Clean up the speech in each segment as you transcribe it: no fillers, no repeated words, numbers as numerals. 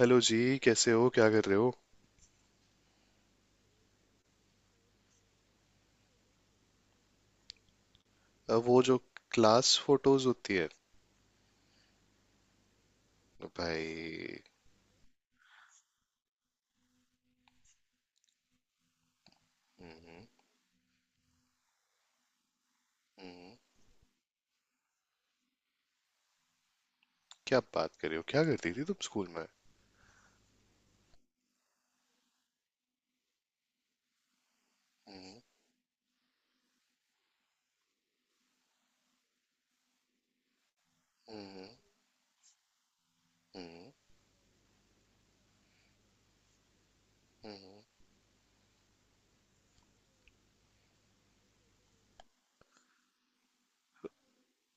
Hello जी, कैसे हो? क्या कर रहे हो? अब वो जो क्लास फोटोज होती है। भाई, क्या बात कर रहे हो? क्या करती थी तुम स्कूल में?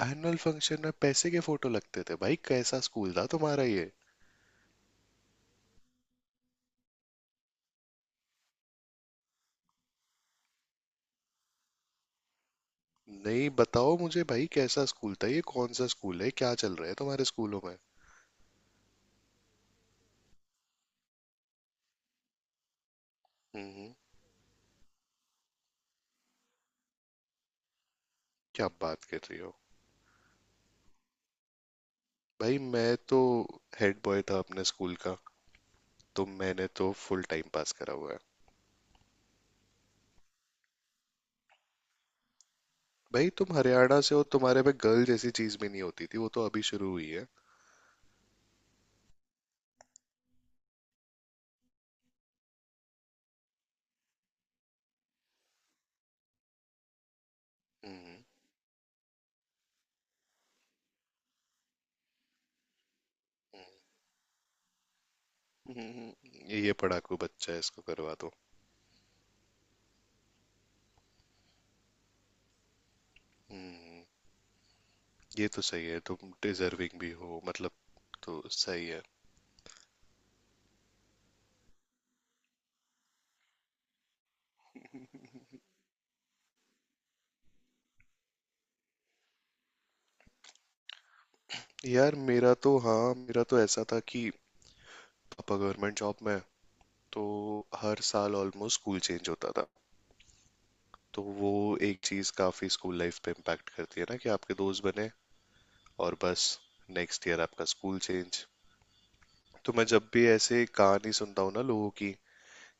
एनुअल फंक्शन में पैसे के फोटो लगते थे? भाई, कैसा स्कूल था तुम्हारा ये? नहीं बताओ मुझे भाई, कैसा स्कूल था ये? कौन सा स्कूल है? क्या चल रहा है तुम्हारे स्कूलों में? हम्म। क्या बात कर रही हो? भाई, मैं तो हेड बॉय था अपने स्कूल का। तो मैंने तो फुल टाइम पास करा हुआ है। भाई, तुम हरियाणा से हो, तुम्हारे में गर्ल जैसी चीज भी नहीं होती थी, वो तो अभी शुरू हुई है। हम्म। हम्म, ये पढ़ाकू बच्चा है, इसको करवा दो। ये तो सही है, तुम डिजर्विंग भी हो मतलब। तो सही है। यार, मेरा तो, हाँ मेरा तो ऐसा था कि पापा गवर्नमेंट जॉब में हैं, तो हर साल ऑलमोस्ट स्कूल चेंज होता था। तो वो एक चीज काफी स्कूल लाइफ पे इम्पैक्ट करती है ना कि आपके दोस्त बने और बस नेक्स्ट ईयर आपका स्कूल चेंज। तो मैं जब भी ऐसे कहानी सुनता हूँ ना लोगों की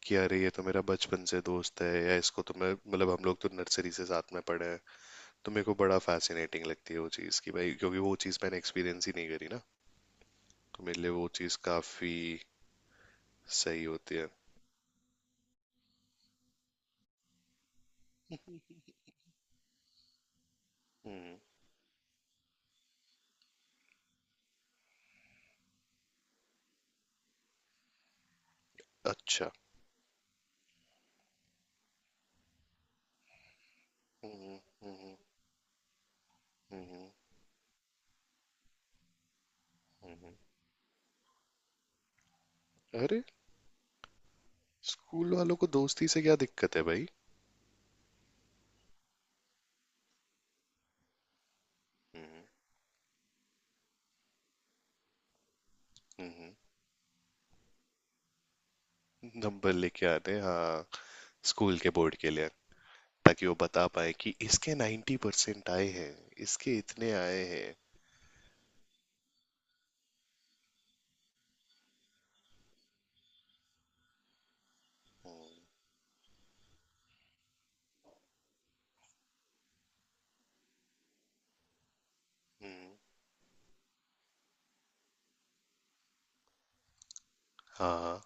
कि अरे ये तो मेरा बचपन से दोस्त है, या इसको तो मैं, मतलब हम लोग तो नर्सरी से साथ में पढ़े हैं, तो मेरे को बड़ा फैसिनेटिंग लगती है वो चीज़ कि भाई, क्योंकि वो चीज़ मैंने एक्सपीरियंस ही नहीं करी ना। तो मेरे लिए वो चीज़ काफ़ी सही होती है। हम्म। अच्छा। हम्म हम्म। हम्म। हम्म, हम्म। अरे, स्कूल वालों को दोस्ती से क्या दिक्कत है भाई? हम्म। नंबर लेके आते हैं, हाँ। स्कूल के बोर्ड के लिए। ताकि वो बता पाए कि इसके 90% आए हैं, इसके इतने आए हैं, हाँ।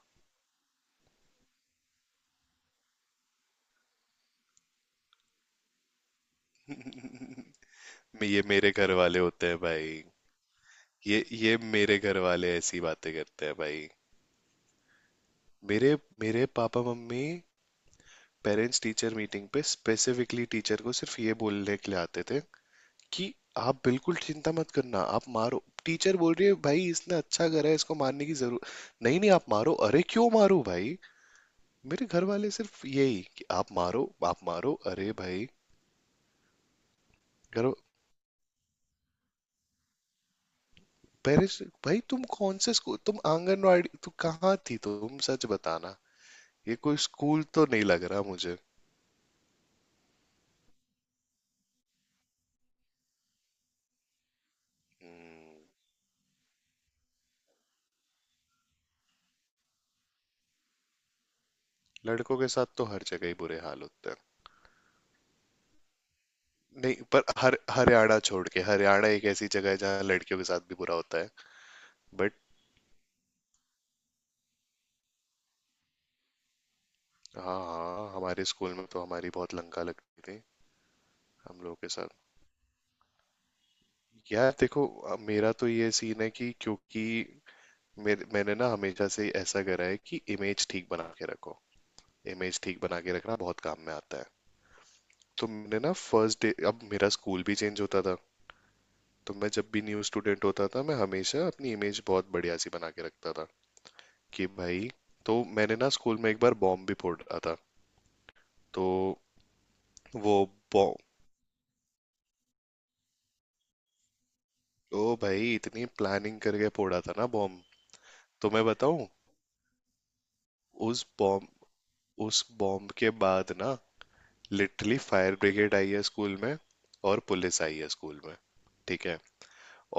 ये मेरे घर वाले होते हैं भाई। ये मेरे घर वाले ऐसी बातें करते हैं भाई। मेरे मेरे पापा मम्मी, पेरेंट्स टीचर मीटिंग पे स्पेसिफिकली टीचर को सिर्फ ये बोलने के लिए आते थे कि आप बिल्कुल चिंता मत करना, आप मारो। टीचर बोल रही है भाई, इसने अच्छा करा है, इसको मारने की जरूरत नहीं। नहीं, आप मारो। अरे क्यों मारो भाई? मेरे घर वाले सिर्फ यही कि आप मारो, आप मारो, अरे भाई। घर। पेरेंट्स, भाई तुम कौन से स्कूल? तुम आंगनवाड़ी, तू कहाँ थी? तुम सच बताना, ये कोई स्कूल तो नहीं लग रहा मुझे। लड़कों के साथ तो हर जगह ही बुरे हाल होते हैं। नहीं पर हर, हरियाणा छोड़ के, हरियाणा एक ऐसी जगह है जहाँ लड़कियों के साथ भी बुरा होता है। बट, हाँ हाँ हमारे स्कूल में तो हमारी बहुत लंका लगती थी हम लोगों के साथ। यार देखो, अब मेरा तो ये सीन है कि क्योंकि मेरे, मैंने ना हमेशा से ऐसा करा है कि इमेज ठीक बना के रखो। इमेज ठीक बना के रखना बहुत काम में आता है। तो मैंने ना फर्स्ट डे, अब मेरा स्कूल भी चेंज होता था, तो मैं जब भी न्यू स्टूडेंट होता था मैं हमेशा अपनी इमेज बहुत बढ़िया सी बना के रखता था कि भाई। तो मैंने ना स्कूल में एक बार बॉम्ब भी फोड़ रहा था। तो वो बॉम्ब। ओ भाई, इतनी प्लानिंग करके फोड़ा था ना बॉम्ब। तो मैं बताऊं। उस बॉम्ब, उस बॉम्ब के बाद ना लिटरली फायर ब्रिगेड आई है स्कूल में, और पुलिस आई है स्कूल में। ठीक है।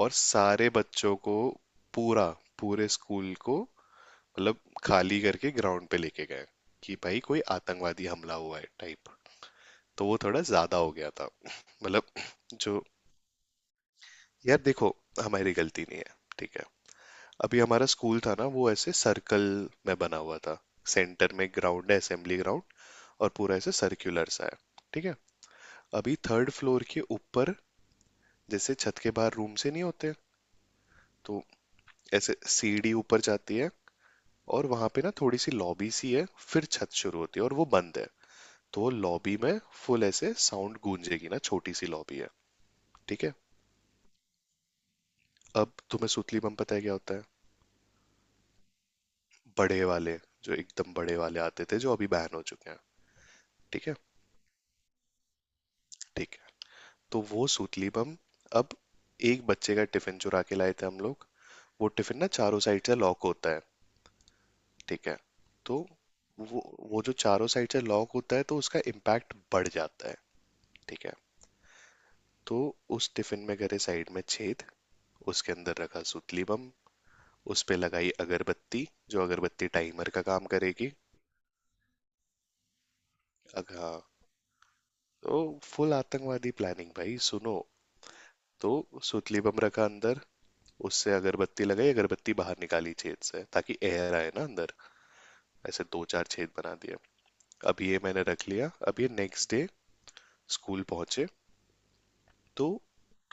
और सारे बच्चों को, पूरा, पूरे स्कूल को, मतलब खाली करके ग्राउंड पे लेके गए कि भाई कोई आतंकवादी हमला हुआ है टाइप। तो वो थोड़ा ज्यादा हो गया था मतलब। जो, यार देखो, हमारी गलती नहीं है। ठीक है। अभी हमारा स्कूल था ना, वो ऐसे सर्कल में बना हुआ था। सेंटर में ग्राउंड है, असेंबली ग्राउंड, और पूरा ऐसे सर्क्युलर सा है। ठीक है। अभी थर्ड फ्लोर के ऊपर, जैसे छत के बाहर रूम से नहीं होते, तो ऐसे सीढ़ी ऊपर जाती है और वहां पे ना थोड़ी सी लॉबी सी है, फिर छत शुरू होती है और वो बंद है। तो लॉबी में फुल ऐसे साउंड गूंजेगी ना, छोटी सी लॉबी है। ठीक है। अब तुम्हें सुतली बम पता है क्या होता है? बड़े वाले, जो एकदम बड़े वाले आते थे जो अभी बैन हो चुके हैं। ठीक है। ठीक है। तो वो सुतली बम, अब एक बच्चे का टिफिन चुरा के लाए थे हम लोग। वो टिफिन ना चारों साइड से लॉक होता है। ठीक है। तो वो वो जो चारों साइड से लॉक होता है तो उसका इम्पैक्ट बढ़ जाता है। ठीक है। तो उस टिफिन में करे साइड में छेद, उसके अंदर रखा सुतली बम, उसपे लगाई अगरबत्ती जो अगरबत्ती टाइमर का काम करेगी। अग हाँ। तो फुल आतंकवादी प्लानिंग भाई सुनो। तो सुतली बम रखा अंदर, उससे अगरबत्ती लगाई, अगरबत्ती बाहर निकाली छेद से ताकि एयर आए ना अंदर। ऐसे दो चार छेद बना दिए। अब ये मैंने रख लिया, अब ये नेक्स्ट डे स्कूल पहुंचे। तो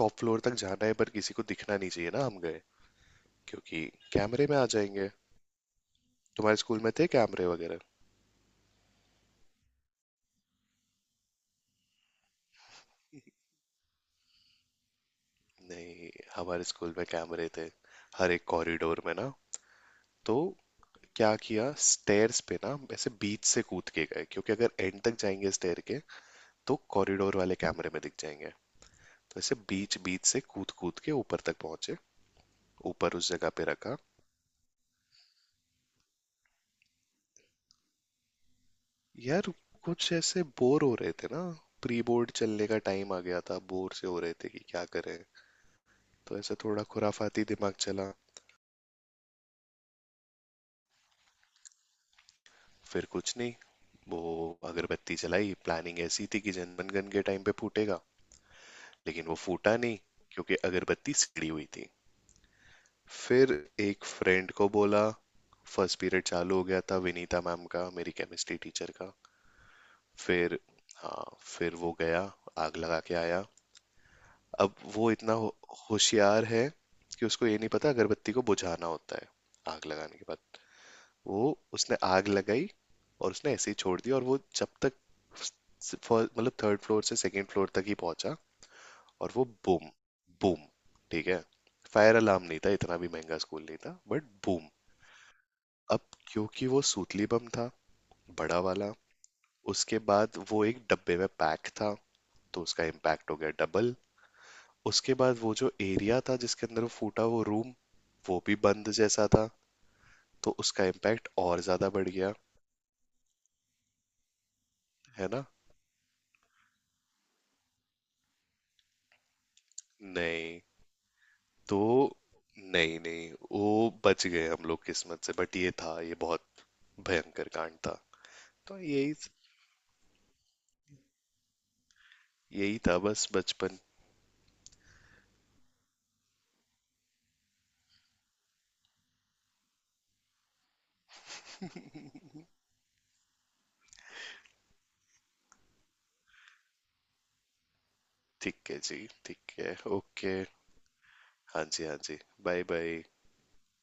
टॉप फ्लोर तक जाना है पर किसी को दिखना नहीं चाहिए ना, हम गए, क्योंकि कैमरे में आ जाएंगे। तुम्हारे स्कूल में थे कैमरे वगैरह? नहीं, हमारे स्कूल में कैमरे थे हर एक कॉरिडोर में ना। तो क्या किया, स्टेयर्स पे ना ऐसे बीच से कूद के गए, क्योंकि अगर एंड तक जाएंगे स्टेयर के तो कॉरिडोर वाले कैमरे में दिख जाएंगे। तो ऐसे बीच बीच से कूद कूद के ऊपर तक पहुंचे। ऊपर उस जगह पे रखा। यार, कुछ ऐसे बोर हो रहे थे ना, प्री बोर्ड चलने का टाइम आ गया था, बोर से हो रहे थे कि क्या करें। तो ऐसे थोड़ा खुराफाती दिमाग चला। फिर कुछ नहीं, वो अगरबत्ती जलाई, प्लानिंग ऐसी थी कि जनगण के टाइम पे फूटेगा, लेकिन वो फूटा नहीं क्योंकि अगरबत्ती सिड़ी हुई थी। फिर एक फ्रेंड को बोला, फर्स्ट पीरियड चालू हो गया था, विनीता मैम का, मेरी केमिस्ट्री टीचर का। फिर, हाँ फिर वो गया, आग लगा के आया। अब वो इतना होशियार है कि उसको ये नहीं पता अगरबत्ती को बुझाना होता है आग लगाने के बाद। वो, उसने आग लगाई और उसने ऐसे ही छोड़ दी, और वो जब तक मतलब थर्ड फ्लोर से सेकंड फ्लोर तक ही पहुंचा, और वो बूम। बूम। ठीक है। फायर अलार्म नहीं था, इतना भी महंगा स्कूल नहीं था, बट बूम। अब क्योंकि वो सूतली बम था बड़ा वाला, उसके बाद वो एक डब्बे में पैक था, तो उसका इम्पैक्ट हो गया डबल। उसके बाद वो जो एरिया था जिसके अंदर वो फूटा, वो रूम, वो भी बंद जैसा था, तो उसका इम्पैक्ट और ज्यादा बढ़ गया। है ना? नहीं तो, नहीं नहीं वो, बच गए हम लोग किस्मत से, बट ये था, ये बहुत भयंकर कांड था। तो यही, यही था बस बचपन। ठीक है जी, ठीक है, ओके। हाँ जी, हाँ जी। Bye bye.